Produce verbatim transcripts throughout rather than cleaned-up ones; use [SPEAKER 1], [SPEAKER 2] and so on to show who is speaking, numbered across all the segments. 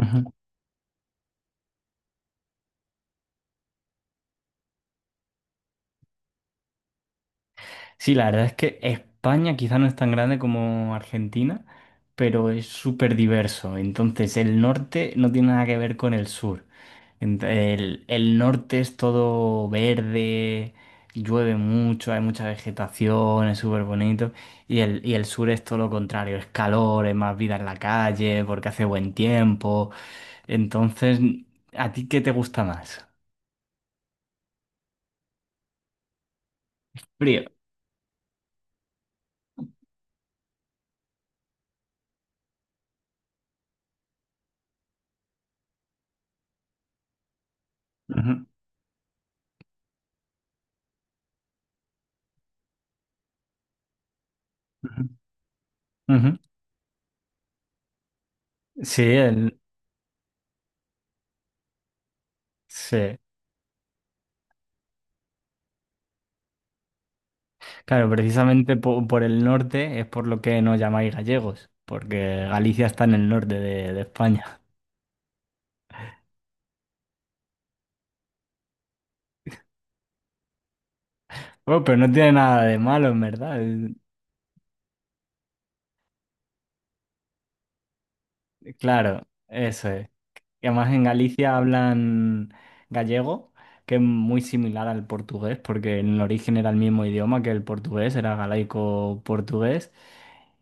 [SPEAKER 1] Ujú. Sí, la verdad es que España quizá no es tan grande como Argentina, pero es súper diverso. Entonces, el norte no tiene nada que ver con el sur. Ent- El, el norte es todo verde, llueve mucho, hay mucha vegetación, es súper bonito. Y el, y el sur es todo lo contrario, es calor, es más vida en la calle, porque hace buen tiempo. Entonces, ¿a ti qué te gusta más? Frío. Ujú, ujú, ujú. Sí, el, sí. Claro, precisamente po- por el norte es por lo que nos llamáis gallegos, porque Galicia está en el norte de, de España. Bueno, pero no tiene nada de malo, en verdad. Es- Claro, eso es. Y además en Galicia hablan gallego, que es muy similar al portugués, porque en el origen era el mismo idioma que el portugués, era galaico-portugués.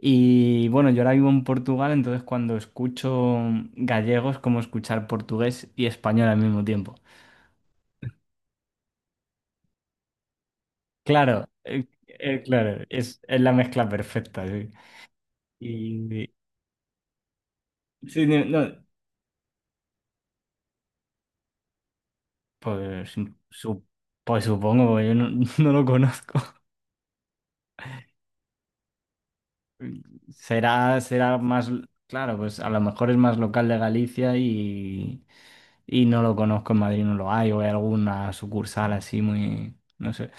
[SPEAKER 1] Y bueno, yo ahora vivo en Portugal, entonces cuando escucho gallego es como escuchar portugués y español al mismo tiempo. Claro, eh, eh, claro, es, es la mezcla perfecta, sí. Y sí, no, no, pues, su- pues supongo, yo no, no lo conozco. Será, será más, claro, pues a lo mejor es más local de Galicia y, y no lo conozco en Madrid, no lo hay, o hay alguna sucursal así muy, no sé.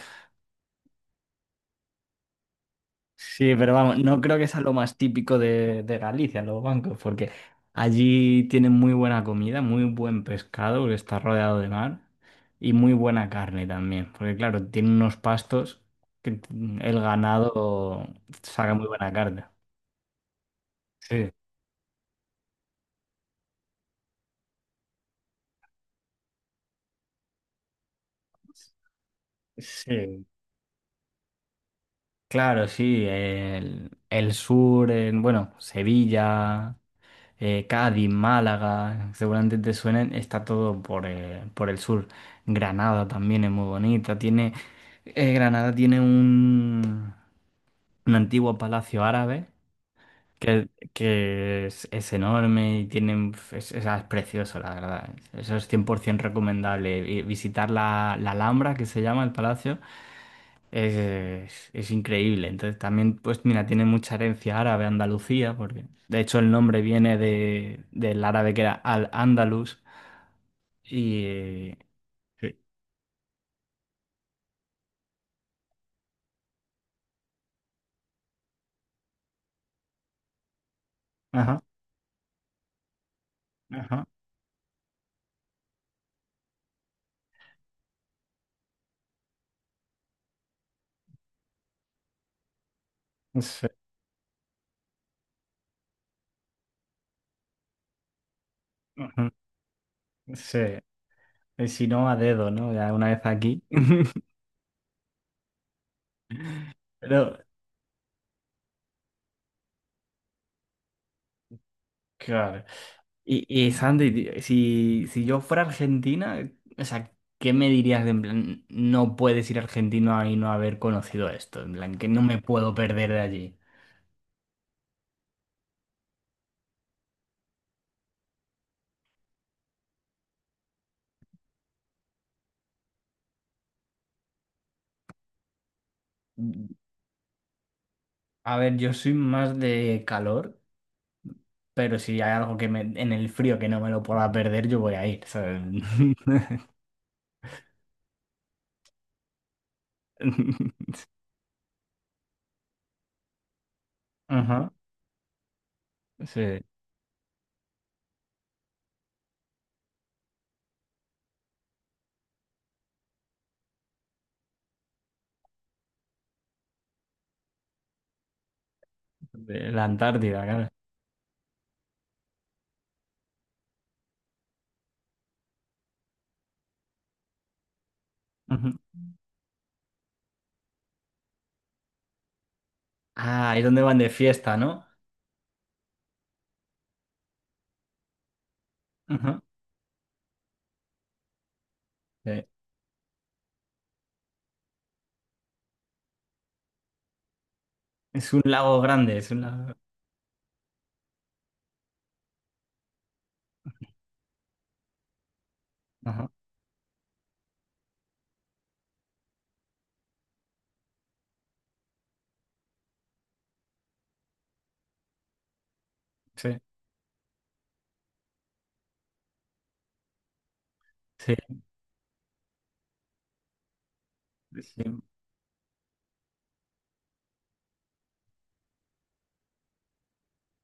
[SPEAKER 1] Sí, pero vamos, no creo que sea lo más típico de, de Galicia, los bancos, porque allí tienen muy buena comida, muy buen pescado, porque está rodeado de mar, y muy buena carne también, porque claro, tienen unos pastos que el ganado saca muy buena carne. Sí, sí, claro, sí, el, el sur, en, bueno, Sevilla. eh, Cádiz, Málaga, seguramente te suenen, está todo por, eh, por el sur. Granada también es muy bonita, tiene, eh, Granada tiene un, un antiguo palacio árabe que, que es, es enorme y tiene, es, es- es precioso, la verdad. Eso es cien por ciento recomendable. Y visitar la, la Alhambra, que se llama el palacio. Es, es increíble. Entonces también, pues mira, tiene mucha herencia árabe Andalucía, porque de hecho el nombre viene de, del árabe que era Al-Ándalus. Y... eh, sí. Ajá, ajá, sí, ajá, sí. Y si no, a dedo, ¿no? Ya una vez aquí. Pero, claro. Y, y Sandy, tío, si, si yo fuera argentina, o sea, ¿qué me dirías de en plan, no puedes ir argentino y no haber conocido esto? En plan, que no me puedo perder de allí. A ver, yo soy más de calor, pero si hay algo que me, en el frío que no me lo pueda perder, yo voy a ir, ¿sabes? Ajá, sí, de la Antártida, claro. Ujú. Ah, es donde van de fiesta, ¿no? Ujú, sí. Es un lago grande, es un lago. Ajá, sí, sí, sí,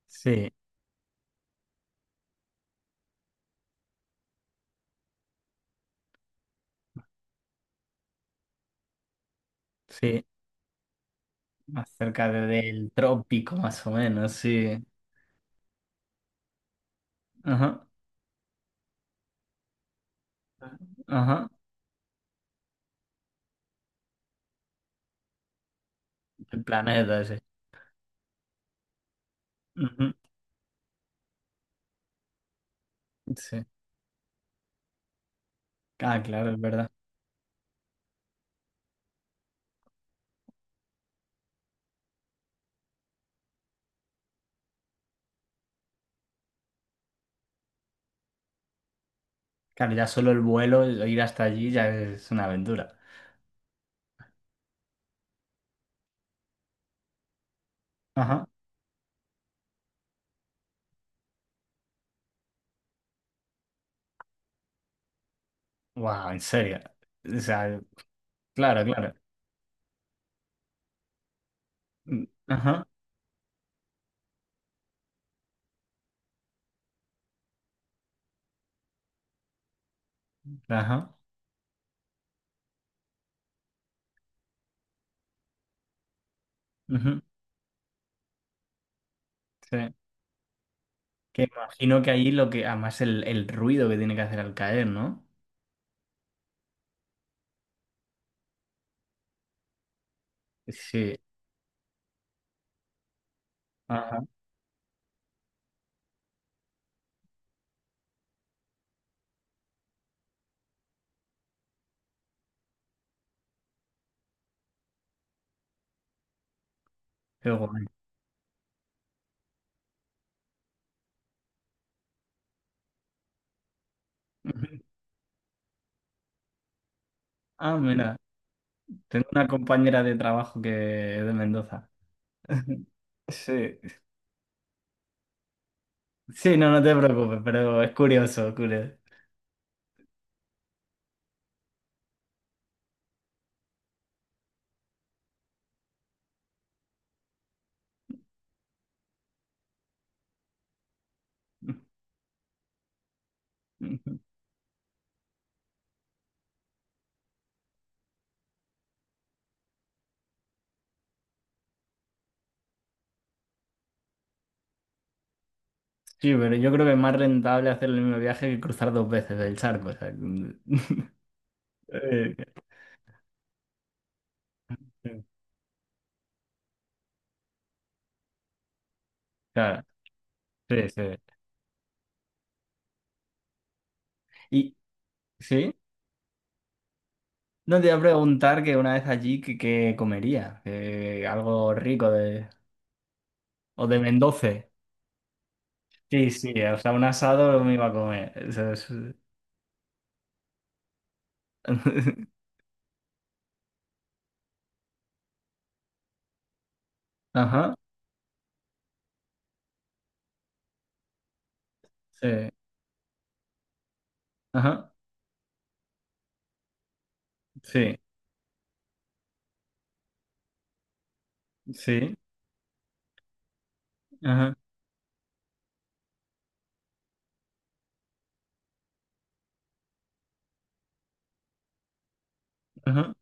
[SPEAKER 1] sí, sí. Más cerca de- del trópico, más o menos, sí. Ajá, ajá, el planeta ese. Ujú, sí. Ah, claro, es verdad. Claro, ya solo el vuelo, ir hasta allí ya es una aventura. Ajá. Wow, en serio. O sea, claro, claro. Mm, ajá, ajá. Ujú, sí. Que imagino que ahí lo que, además el, el ruido que tiene que hacer al caer, ¿no? Sí. Ajá. Qué guay. Ujú. Ah, mira, tengo una compañera de trabajo que es de Mendoza. Sí. Sí, no, no te preocupes, pero es curioso, curioso. Sí, pero yo creo que es más rentable hacer el mismo viaje que cruzar dos veces el charco. O sea, eh, claro, sí, sí. Y sí, no te iba a preguntar que una vez allí qué que comería, que algo rico de o de Mendoza. Sí, sí, o sea, un asado me iba a comer. Eso es- Ajá, sí, ajá, sí, sí, ajá, ajá.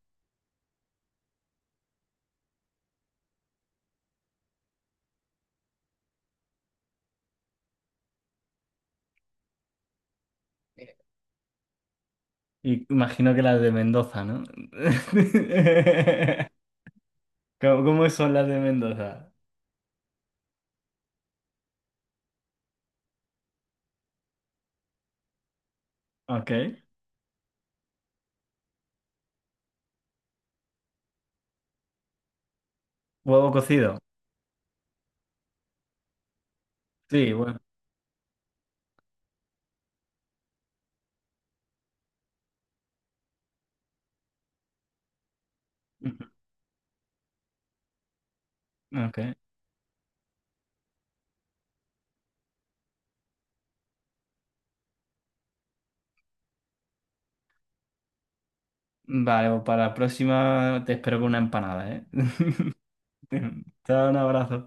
[SPEAKER 1] Y imagino que las de Mendoza, ¿no? ¿Cómo, cómo son las de Mendoza? Ok. Huevo cocido. Sí, bueno. Ujú, ok. Vale, pues para la próxima te espero con una empanada, ¿eh? Te te doy un abrazo.